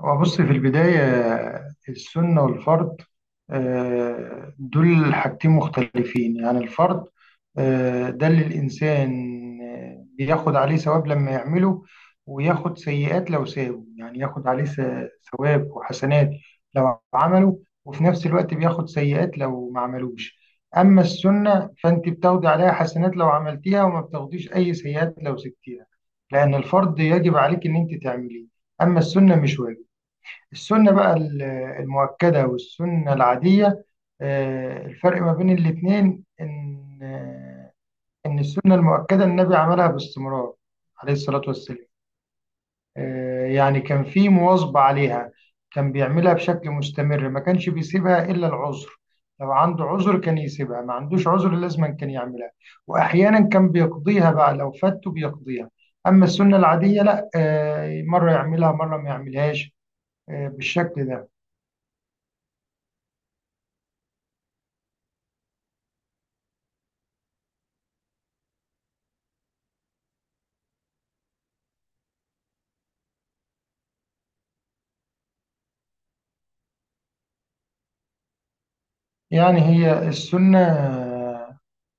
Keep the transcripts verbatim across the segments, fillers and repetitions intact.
هو بص في البداية، السنة والفرض. آه، دول حاجتين مختلفين، يعني الفرض آه، ده اللي الإنسان آه، بياخد عليه ثواب لما يعمله، وياخد سيئات لو سابه، يعني ياخد عليه س- ثواب وحسنات لو عمله، وفي نفس الوقت بياخد سيئات لو ما عملوش. أما السنة فأنت بتاخدي عليها حسنات لو عملتيها وما بتاخديش أي سيئات لو سبتيها، لأن الفرض يجب عليك إن أنت تعمليه، أما السنة مش واجب. السنة بقى ال- المؤكدة والسنة العادية، آه، الفرق ما بين الاتنين إن آه، إن السنة المؤكدة النبي عملها باستمرار، عليه الصلاة والسلام. آه، يعني كان في مواظبة عليها، كان بيعملها بشكل مستمر، ما كانش بيسيبها إلا العذر، لو عنده عذر كان يسيبها، ما عندوش عذر لازما كان يعملها، وأحيانا كان بيقضيها بقى، لو فاته بيقضيها. أما السنة العادية لا، آه، مرة يعملها مرة ما يعملهاش، آه، بالشكل ده. يعني هي السنة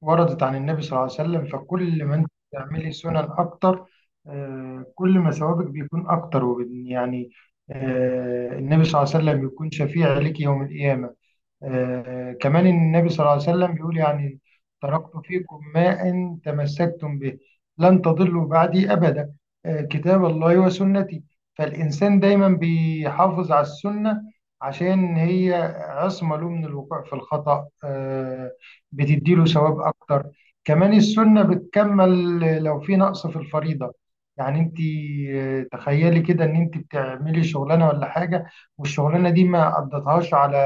وردت عن النبي صلى الله عليه وسلم، فكل ما انت بتعملي سنن اكتر، آه، كل ما ثوابك بيكون اكتر، وبن- يعني آه، النبي صلى الله عليه وسلم بيكون شفيع لك يوم القيامة. آه كمان النبي صلى الله عليه وسلم بيقول، يعني تركت فيكم ما إن تمسكتم به لن تضلوا بعدي أبدا، آه كتاب الله وسنتي. فالإنسان دايما بيحافظ على السنة عشان هي عصمة له من الوقوع في الخطأ، آه بتديله ثواب أكتر. كمان السنة بتكمل لو في نقص في الفريضة، يعني انت آه، تخيلي كده ان انت بتعملي شغلانه ولا حاجه، والشغلانه دي ما قضتهاش على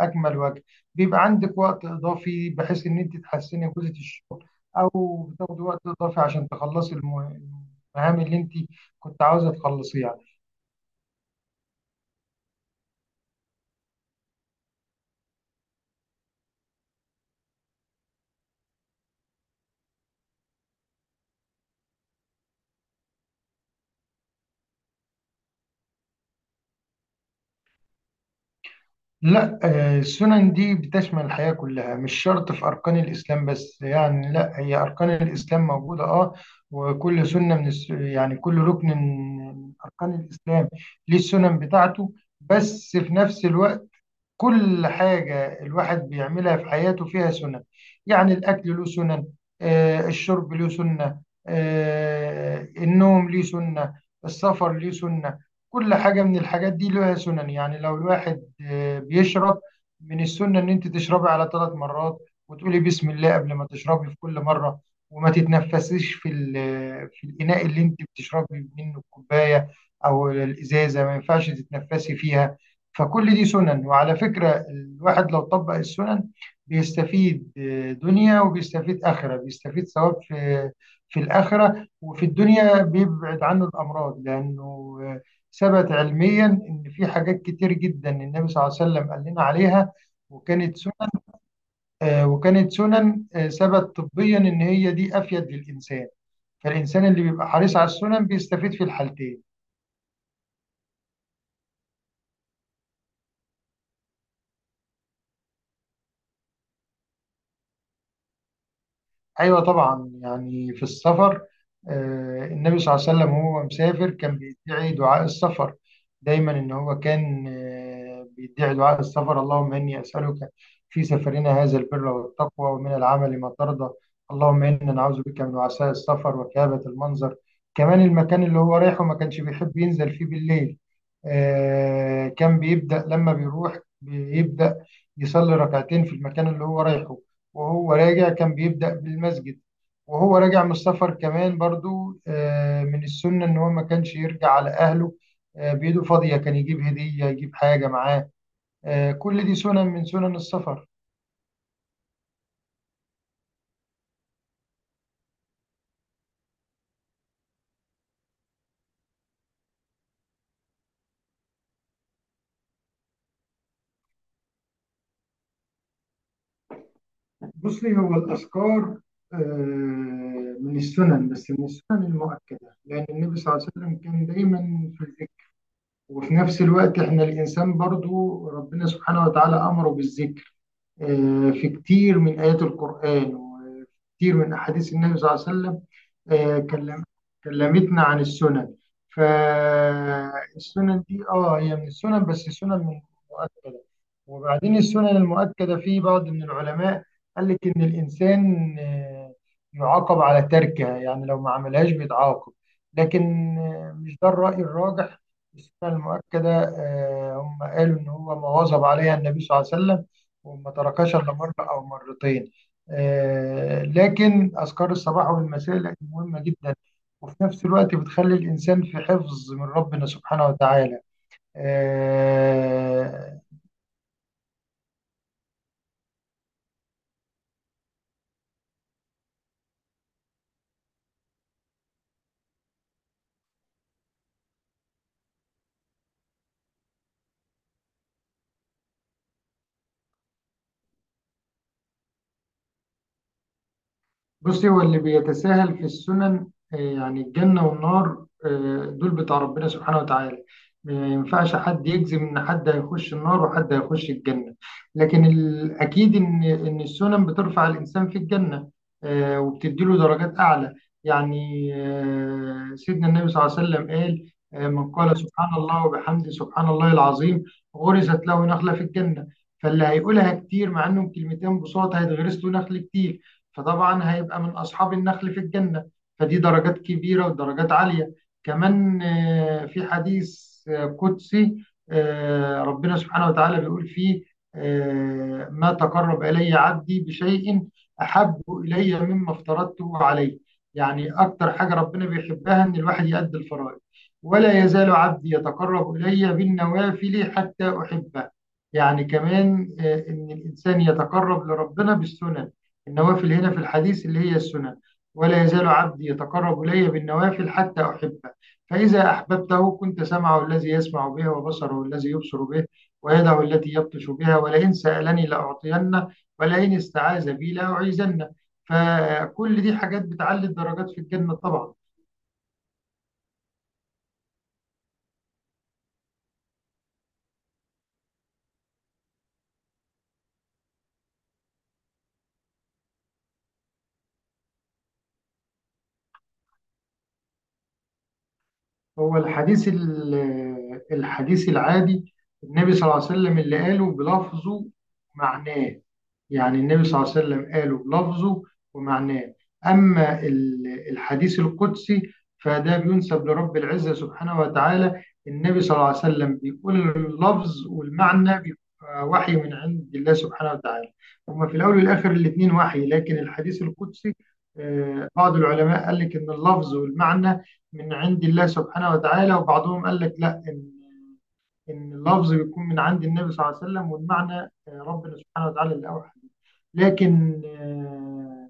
اكمل وجه، بيبقى عندك وقت اضافي بحيث ان انت تحسني جوده الشغل، او بتاخدي وقت اضافي عشان تخلصي الم- المهام اللي انت كنت عاوزه تخلصيها. لا، آه، السنن دي بتشمل الحياه كلها، مش شرط في اركان الاسلام بس، يعني لا، هي اركان الاسلام موجوده، اه وكل سنه من الس... يعني كل ركن من اركان الاسلام ليه السنن بتاعته، بس في نفس الوقت كل حاجة الواحد بيعملها في حياته فيها سنن. يعني الأكل له سنن، آه، الشرب له سنة، آه، النوم له سنة، السفر له سنة. كل حاجة من الحاجات دي لها سنن، يعني لو الواحد آه، بيشرب، من السنة إن أنت تشربي على ثلاث مرات، وتقولي بسم الله قبل ما تشربي في كل مرة، وما تتنفسيش في ال- في الإناء اللي أنت بتشربي منه، الكوباية أو الإزازة، ما ينفعش تتنفسي فيها. فكل دي سنن، وعلى فكرة الواحد لو طبق السنن بيستفيد آه، دنيا، وبيستفيد آخرة، بيستفيد ثواب في في الآخرة، وفي الدنيا بيبعد عنه الأمراض، لأنه آه، ثبت علميا إن في حاجات كتير جدا النبي صلى الله عليه وسلم قال لنا عليها وكانت سنن، آه، وكانت سنن آه، ثبت طبيا إن هي دي أفيد للإنسان. فالإنسان اللي بيبقى حريص على السنن بيستفيد في الحالتين. ايوه طبعا، يعني في السفر، آه، النبي صلى الله عليه وسلم وهو مسافر كان بيدعي دعاء السفر دايما، ان هو كان آه، بيدعي دعاء السفر: اللهم اني اسالك في سفرنا هذا البر والتقوى ومن العمل ما ترضى، اللهم انا نعوذ بك من وعثاء السفر وكآبة المنظر. كمان المكان اللي هو رايحه ما كانش بيحب ينزل فيه بالليل، آه، كان بيبدأ لما بيروح، بيبدأ يصلي ركعتين في المكان اللي هو رايحه، وهو راجع كان بيبدأ بالمسجد. وهو راجع من السفر كمان برضو، آه، من السنة إن هو ما كانش يرجع على أهله آه، بإيده فاضية، كان يجيب هدية، يجيب حاجة معاه. آه، كل دي سنن من سنن السفر. بصي، هو الأذكار آه، من السنن، بس من السنن المؤكدة، لأن النبي صلى الله عليه وسلم كان دايما في الذكر، وفي نفس الوقت إحنا الإنسان برضو ربنا سبحانه وتعالى أمره بالذكر آه، في كتير من آيات القرآن، وفي كتير من أحاديث النبي صلى الله عليه وسلم آه، كلم كلمتنا عن السنن. فالسنن دي اه هي من السنن، بس سنن من مؤكدة. وبعدين السنن المؤكدة في بعض من العلماء قال لك إن الإنسان آه، يعاقب على تركها، يعني لو ما عملهاش بيتعاقب. لكن آه، مش ده الرأي الراجح. السنن المؤكدة آه، هم قالوا إن هو ما واظب عليها النبي صلى الله عليه وسلم، وما تركش إلا مرة أو مرتين. آه، لكن أذكار الصباح والمساء لا، مهمة جدا، وفي نفس الوقت بتخلي الإنسان في حفظ من ربنا سبحانه وتعالى. آه، بصي، هو اللي بيتساهل في السنن آه، يعني الجنة والنار آه، دول بتاع ربنا سبحانه وتعالى، ما ينفعش حد يجزم ان حد هيخش النار وحد هيخش الجنة، لكن الاكيد ان ان السنن بترفع الانسان في الجنة، آه، وبتديله درجات اعلى. يعني آه، سيدنا النبي صلى الله عليه وسلم قال آه، من قال سبحان الله وبحمده سبحان الله العظيم، غرست له نخلة في الجنة. فاللي هيقولها كتير، مع انهم كلمتين بساطة، هيتغرس له نخل كتير، فطبعا هيبقى من أصحاب النخل في الجنة، فدي درجات كبيرة ودرجات عالية. كمان آه، في حديث آه، قدسي، آه، ربنا سبحانه وتعالى بيقول فيه: آه، ما تقرب إلي عبدي بشيء أحب إلي مما افترضته عليه، يعني أكتر حاجة ربنا بيحبها إن الواحد يأدي الفرائض. ولا يزال عبدي يتقرب إلي بالنوافل حتى أحبه، يعني كمان آه، إن الإنسان يتقرب لربنا بالسنن، النوافل هنا في الحديث اللي هي السنن. ولا يزال عبدي يتقرب إلي بالنوافل حتى أحبه، فإذا أحببته كنت سمعه الذي يسمع به، وبصره الذي يبصر به، ويده التي يبطش بها، ولئن سألني لأعطينه، ولئن استعاذ بي لأعيذنه. فكل دي حاجات بتعلي الدرجات في الجنة طبعا. هو الحديث ال- الحديث العادي، النبي صلى الله عليه وسلم اللي قاله بلفظه، معناه، يعني النبي صلى الله عليه وسلم قاله بلفظه ومعناه. أما ال- الحديث القدسي، فده بينسب لرب العزة سبحانه وتعالى، النبي صلى الله عليه وسلم بيقول اللفظ، والمعنى بيبقى وحي من عند الله سبحانه وتعالى. هما في الأول والآخر الاتنين وحي، لكن الحديث القدسي آه، بعض العلماء قال لك إن اللفظ والمعنى من عند الله سبحانه وتعالى، وبعضهم قال لك لا، إن إن اللفظ بيكون من عند النبي صلى الله عليه وسلم، والمعنى آه، ربنا سبحانه وتعالى اللي أوحى به. لكن آه،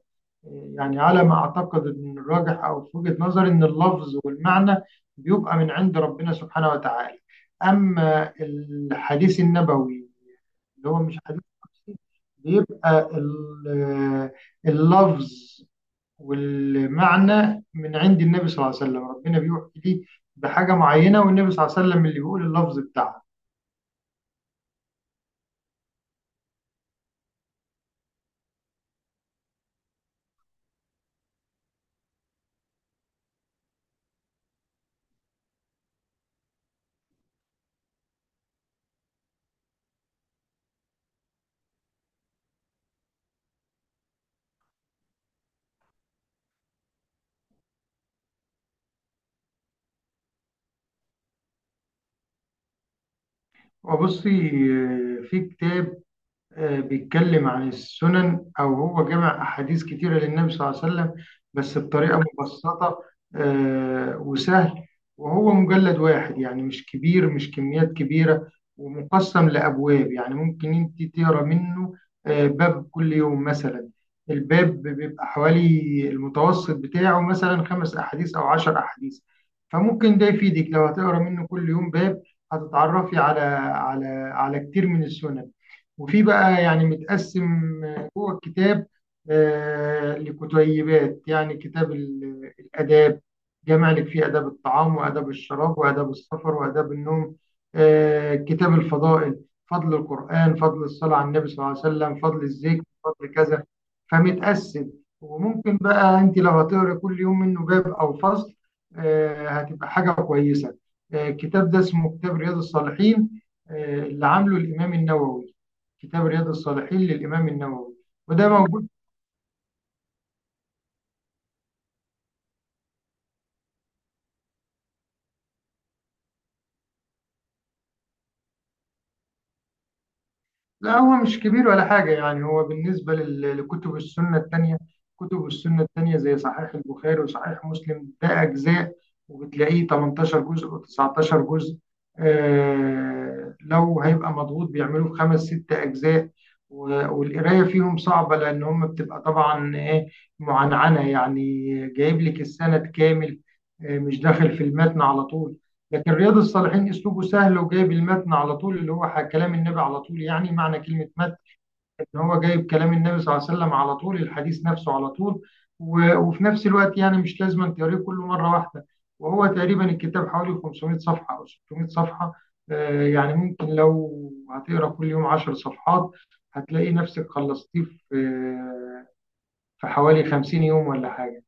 يعني على ما أعتقد إن الراجح، أو في وجهة نظري، إن اللفظ والمعنى بيبقى من عند ربنا سبحانه وتعالى. أما الحديث النبوي اللي هو مش حديث شخصي، بيبقى ال- آه، اللفظ والمعنى من عند النبي صلى الله عليه وسلم، ربنا بيوحي لي بحاجة معينة، والنبي صلى الله عليه وسلم اللي بيقول اللفظ بتاعها. وبصي، آه، في كتاب آه، بيتكلم عن السنن، أو هو جمع أحاديث كتيرة للنبي صلى الله عليه وسلم، بس بطريقة مبسطة، آه، وسهل، وهو مجلد واحد، يعني مش كبير، مش كميات كبيرة، ومقسم لأبواب، يعني ممكن أنت تقرأ منه آه، باب كل يوم مثلا، الباب بيبقى حوالي، المتوسط بتاعه مثلا خمس أحاديث أو عشر أحاديث، فممكن ده يفيدك لو هتقرأ منه كل يوم باب، هتتعرفي على على على كتير من السنن. وفي بقى يعني متقسم جوه الكتاب آه، لكتيبات، يعني كتاب ال- الآداب، جامع لك فيه آداب الطعام وآداب الشراب وآداب السفر وآداب النوم، آه، كتاب الفضائل، فضل القرآن، فضل الصلاة على النبي صلى الله عليه وسلم، فضل الذكر، فضل كذا. فمتقسم، وممكن بقى أنت لو هتقرأ كل يوم منه باب أو فصل، آه، هتبقى حاجة كويسة. آه، الكتاب ده اسمه كتاب رياض الصالحين، آه، اللي عامله الإمام النووي، كتاب رياض الصالحين للإمام النووي. وده موجود. لا، هو مش كبير ولا حاجة، يعني هو بالنسبة لل- لكتب السنة التانية، كتب السنة التانية زي صحيح البخاري وصحيح مسلم، ده أجزاء، وبتلاقيه تمنتاشر جزء و19 جزء، آه لو هيبقى مضغوط بيعملوه في خمس ست أجزاء. و- والقراية فيهم صعبة، لأن هم بتبقى طبعا إيه، معنعنة، يعني جايب لك السند كامل، آه، مش داخل في المتن على طول. لكن رياض الصالحين اسلوبه سهل، وجايب المتن على طول، اللي هو ح- كلام النبي على طول، يعني معنى كلمة متن ان هو جايب كلام النبي صلى الله عليه وسلم على طول، الحديث نفسه على طول. و- وفي نفس الوقت يعني مش لازم أن تقريه كله مرة واحدة، وهو تقريبا الكتاب حوالي خمسمية صفحة او ستمية صفحة، آه، يعني ممكن لو هتقرا كل يوم عشر صفحات، هتلاقي نفسك خلصتيه في آه، في حوالي خمسين يوم ولا حاجة.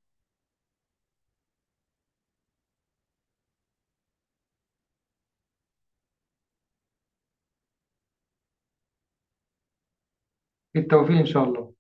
بالتوفيق ان شاء الله.